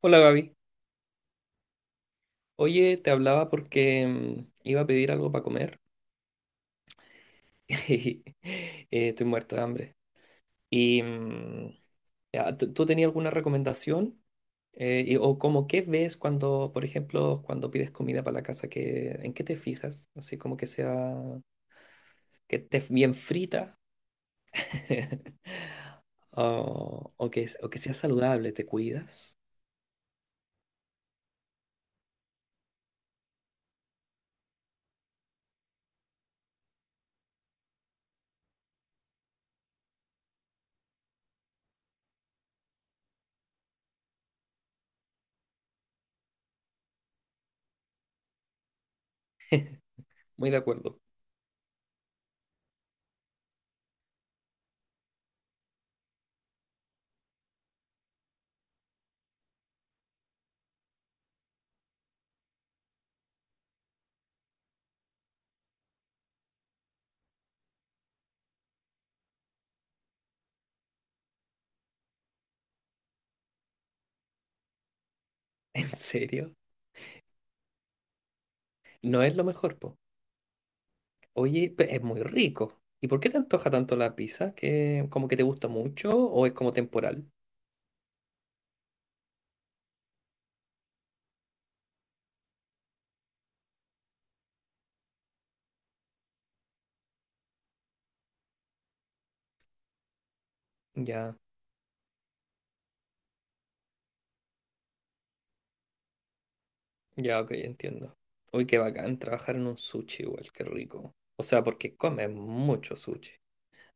Hola Gaby. Oye, te hablaba porque iba a pedir algo para comer. Y estoy muerto de hambre. Y ya, ¿tú tenías alguna recomendación? O como qué ves cuando, por ejemplo, cuando pides comida para la casa, ¿en qué te fijas? Así como que sea, que esté bien frita. O que sea saludable, ¿te cuidas? Muy de acuerdo. ¿En serio? No es lo mejor, po. Oye, es muy rico. ¿Y por qué te antoja tanto la pizza? ¿Que como que te gusta mucho o es como temporal? Ya, ya, ok, entiendo. Uy, qué bacán trabajar en un sushi igual, qué rico. O sea, porque comes mucho sushi.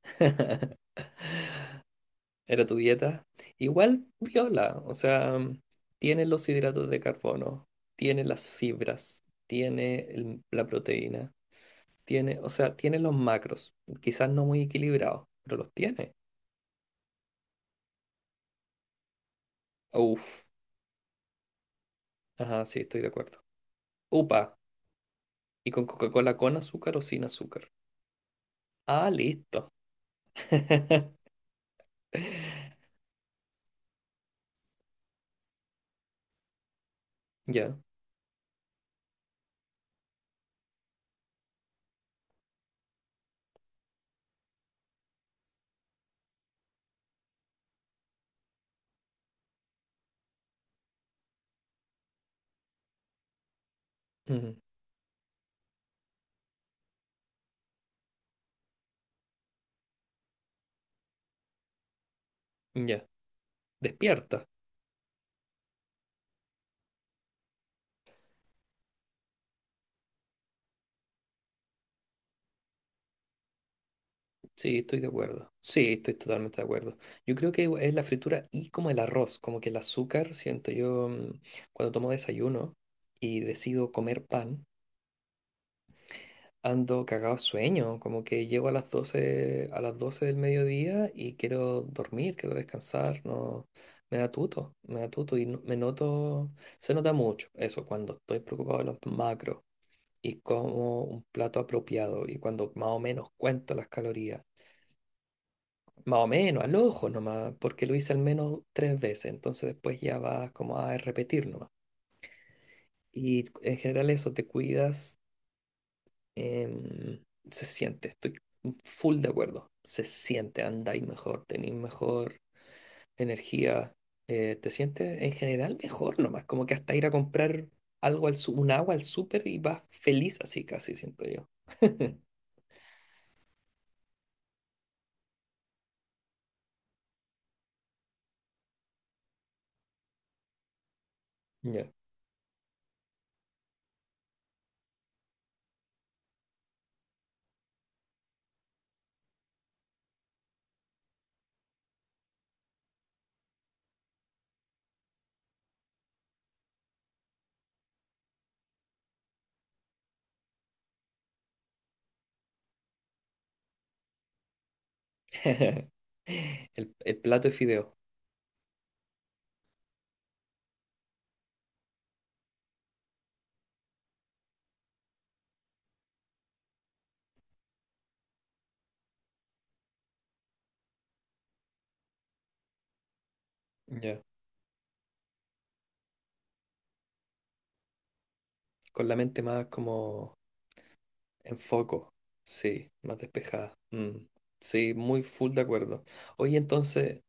Era tu dieta. Igual viola, o sea, tiene los hidratos de carbono, tiene las fibras, tiene la proteína, tiene, o sea, tiene los macros. Quizás no muy equilibrados, pero los tiene. Uf, ajá, sí, estoy de acuerdo. Upa. ¿Y con Coca-Cola con azúcar o sin azúcar? Ah, listo. Ya. Mm. Ya. Despierta. Sí, estoy de acuerdo. Sí, estoy totalmente de acuerdo. Yo creo que es la fritura y como el arroz, como que el azúcar, siento yo, cuando tomo desayuno y decido comer pan. Ando cagado sueño, como que llego a las doce del mediodía y quiero dormir, quiero descansar, no, me da tuto y me noto, se nota mucho eso cuando estoy preocupado de los macros y como un plato apropiado y cuando más o menos cuento las calorías, más o menos, al ojo nomás, porque lo hice al menos tres veces, entonces después ya vas como a repetir nomás. Y en general eso, te cuidas. Em, Se siente, estoy full de acuerdo. Se siente, andáis mejor, tenéis mejor energía, te sientes en general mejor nomás, como que hasta ir a comprar algo un agua al súper y vas feliz así casi, siento yo. Ya. El plato de fideo, ya. Con la mente más como en foco, sí, más despejada. Mm. Sí, muy full de acuerdo. Oye, entonces...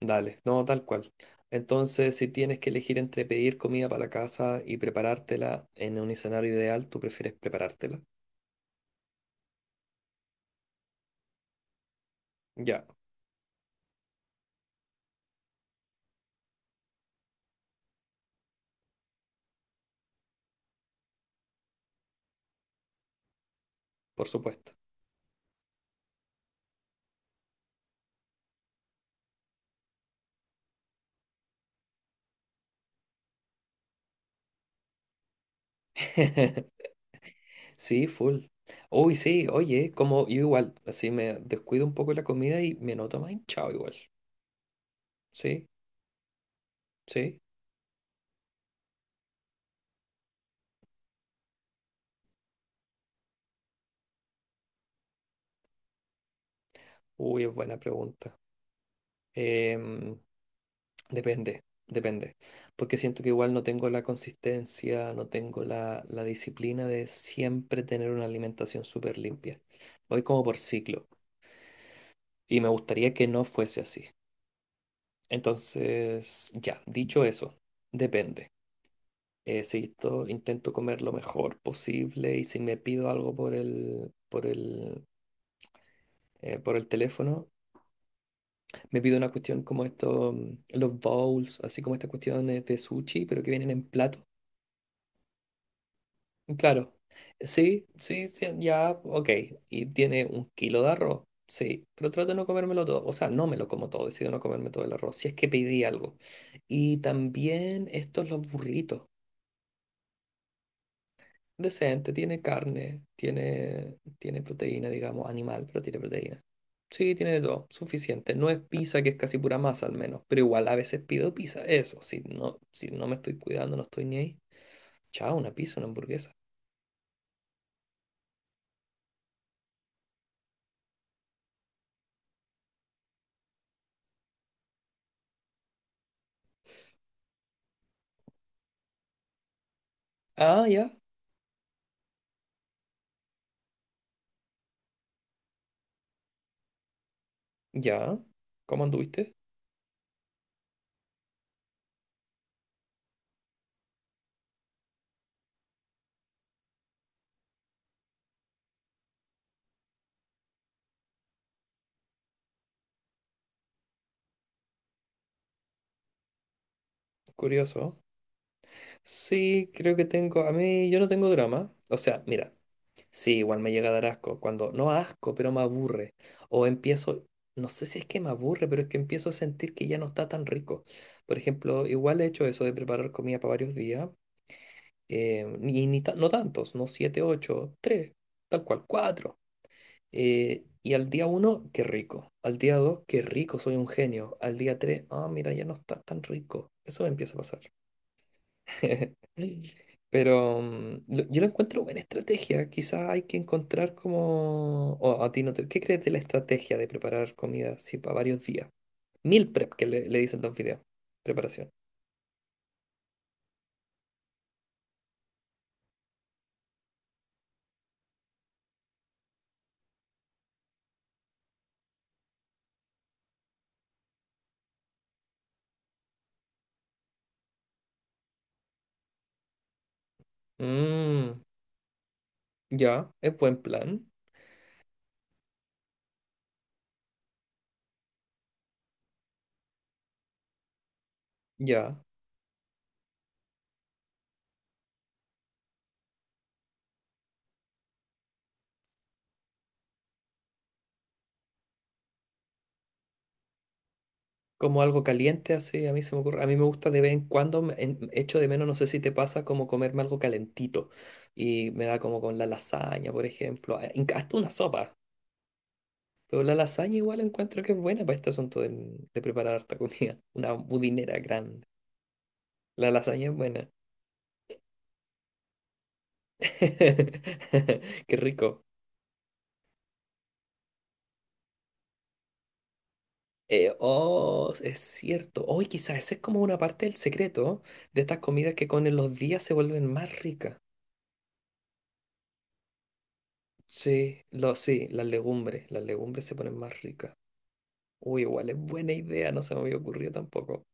Dale, no, tal cual. Entonces, si tienes que elegir entre pedir comida para la casa y preparártela en un escenario ideal, tú prefieres preparártela. Ya, por supuesto. Sí, full. Uy, sí, oye, como yo igual, así me descuido un poco la comida y me noto más hinchado igual. Sí, sí. Uy, es buena pregunta. Em, Depende, depende. Porque siento que igual no tengo la consistencia, no tengo la disciplina de siempre tener una alimentación súper limpia. Voy como por ciclo y me gustaría que no fuese así. Entonces, ya, dicho eso, depende. Si intento comer lo mejor posible y si me pido algo por el teléfono, me pido una cuestión como esto, los bowls, así como estas cuestiones de sushi, pero que vienen en plato. Claro. Sí, sí, sí, ya, ok. ¿Y tiene un kilo de arroz? Sí, pero trato de no comérmelo todo. O sea, no me lo como todo, decido no comerme todo el arroz, si es que pedí algo. Y también estos los burritos. Decente, tiene carne, tiene proteína, digamos, animal, pero tiene proteína. Sí, tiene de todo, suficiente. No es pizza, que es casi pura masa al menos, pero igual a veces pido pizza. Eso, si no me estoy cuidando, no estoy ni ahí. Chao, una pizza, una hamburguesa. Ah, ya. Ya, ¿cómo anduviste? Curioso. Sí, creo que tengo. A mí, yo no tengo drama. O sea, mira, sí, igual me llega a dar asco. Cuando, no asco, pero me aburre. O empiezo, no sé si es que me aburre, pero es que empiezo a sentir que ya no está tan rico. Por ejemplo, igual he hecho eso de preparar comida para varios días. Ni, ni ta- No tantos, no siete, ocho, tres, tal cual, cuatro. Y al día uno, qué rico. Al día dos, qué rico, soy un genio. Al día tres, ah, mira, ya no está tan rico. Eso me empieza a pasar. Pero yo lo encuentro buena estrategia. Quizás hay que encontrar como... O a ti no te... ¿Qué crees de la estrategia de preparar comida así para varios días? Meal prep, que le dicen los videos. Preparación. Mm, ya, es buen plan. Ya. Como algo caliente, así, a mí se me ocurre. A mí me gusta de vez en cuando, echo de menos, no sé si te pasa, como comerme algo calentito. Y me da como con la lasaña, por ejemplo. Hasta una sopa. Pero la lasaña igual encuentro que es buena para este asunto preparar harta comida. Una budinera grande. La lasaña es buena. Qué rico. Oh, es cierto. Hoy quizás esa es como una parte del secreto de estas comidas que con los días se vuelven más ricas. Sí, sí, las legumbres. Las legumbres se ponen más ricas. Uy, igual es buena idea, no se me había ocurrido tampoco.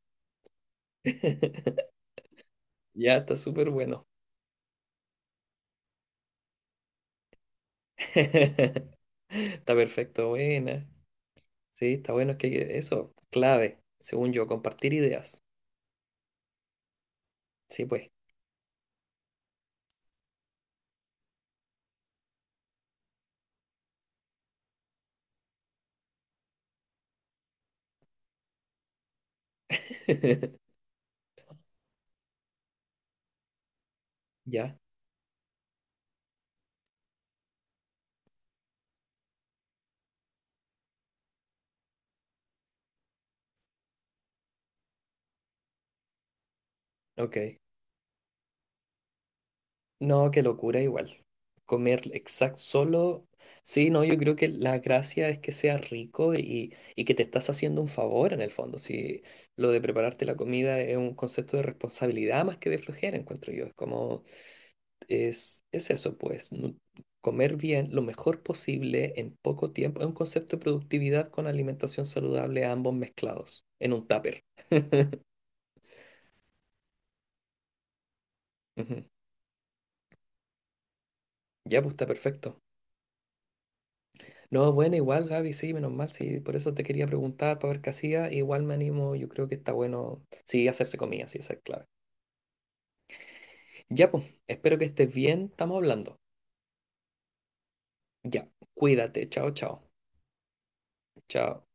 Ya está súper bueno. Está perfecto, buena. Sí, está bueno, es que eso, clave, según yo, compartir ideas. Sí, pues. Ya, ok. No, qué locura igual. Comer exacto solo. Sí, no, yo creo que la gracia es que sea rico y que te estás haciendo un favor en el fondo. Si lo de prepararte la comida es un concepto de responsabilidad más que de flojera, encuentro yo. Es como, es eso, pues, comer bien lo mejor posible en poco tiempo. Es un concepto de productividad con alimentación saludable, ambos mezclados, en un tupper. Ujú. Ya, pues está perfecto. No, bueno, igual Gaby, sí, menos mal, sí, por eso te quería preguntar para ver qué hacía, igual me animo, yo creo que está bueno, sí, hacerse comida, sí, esa es clave. Ya, pues, espero que estés bien, estamos hablando. Ya, cuídate, chao, chao, chao.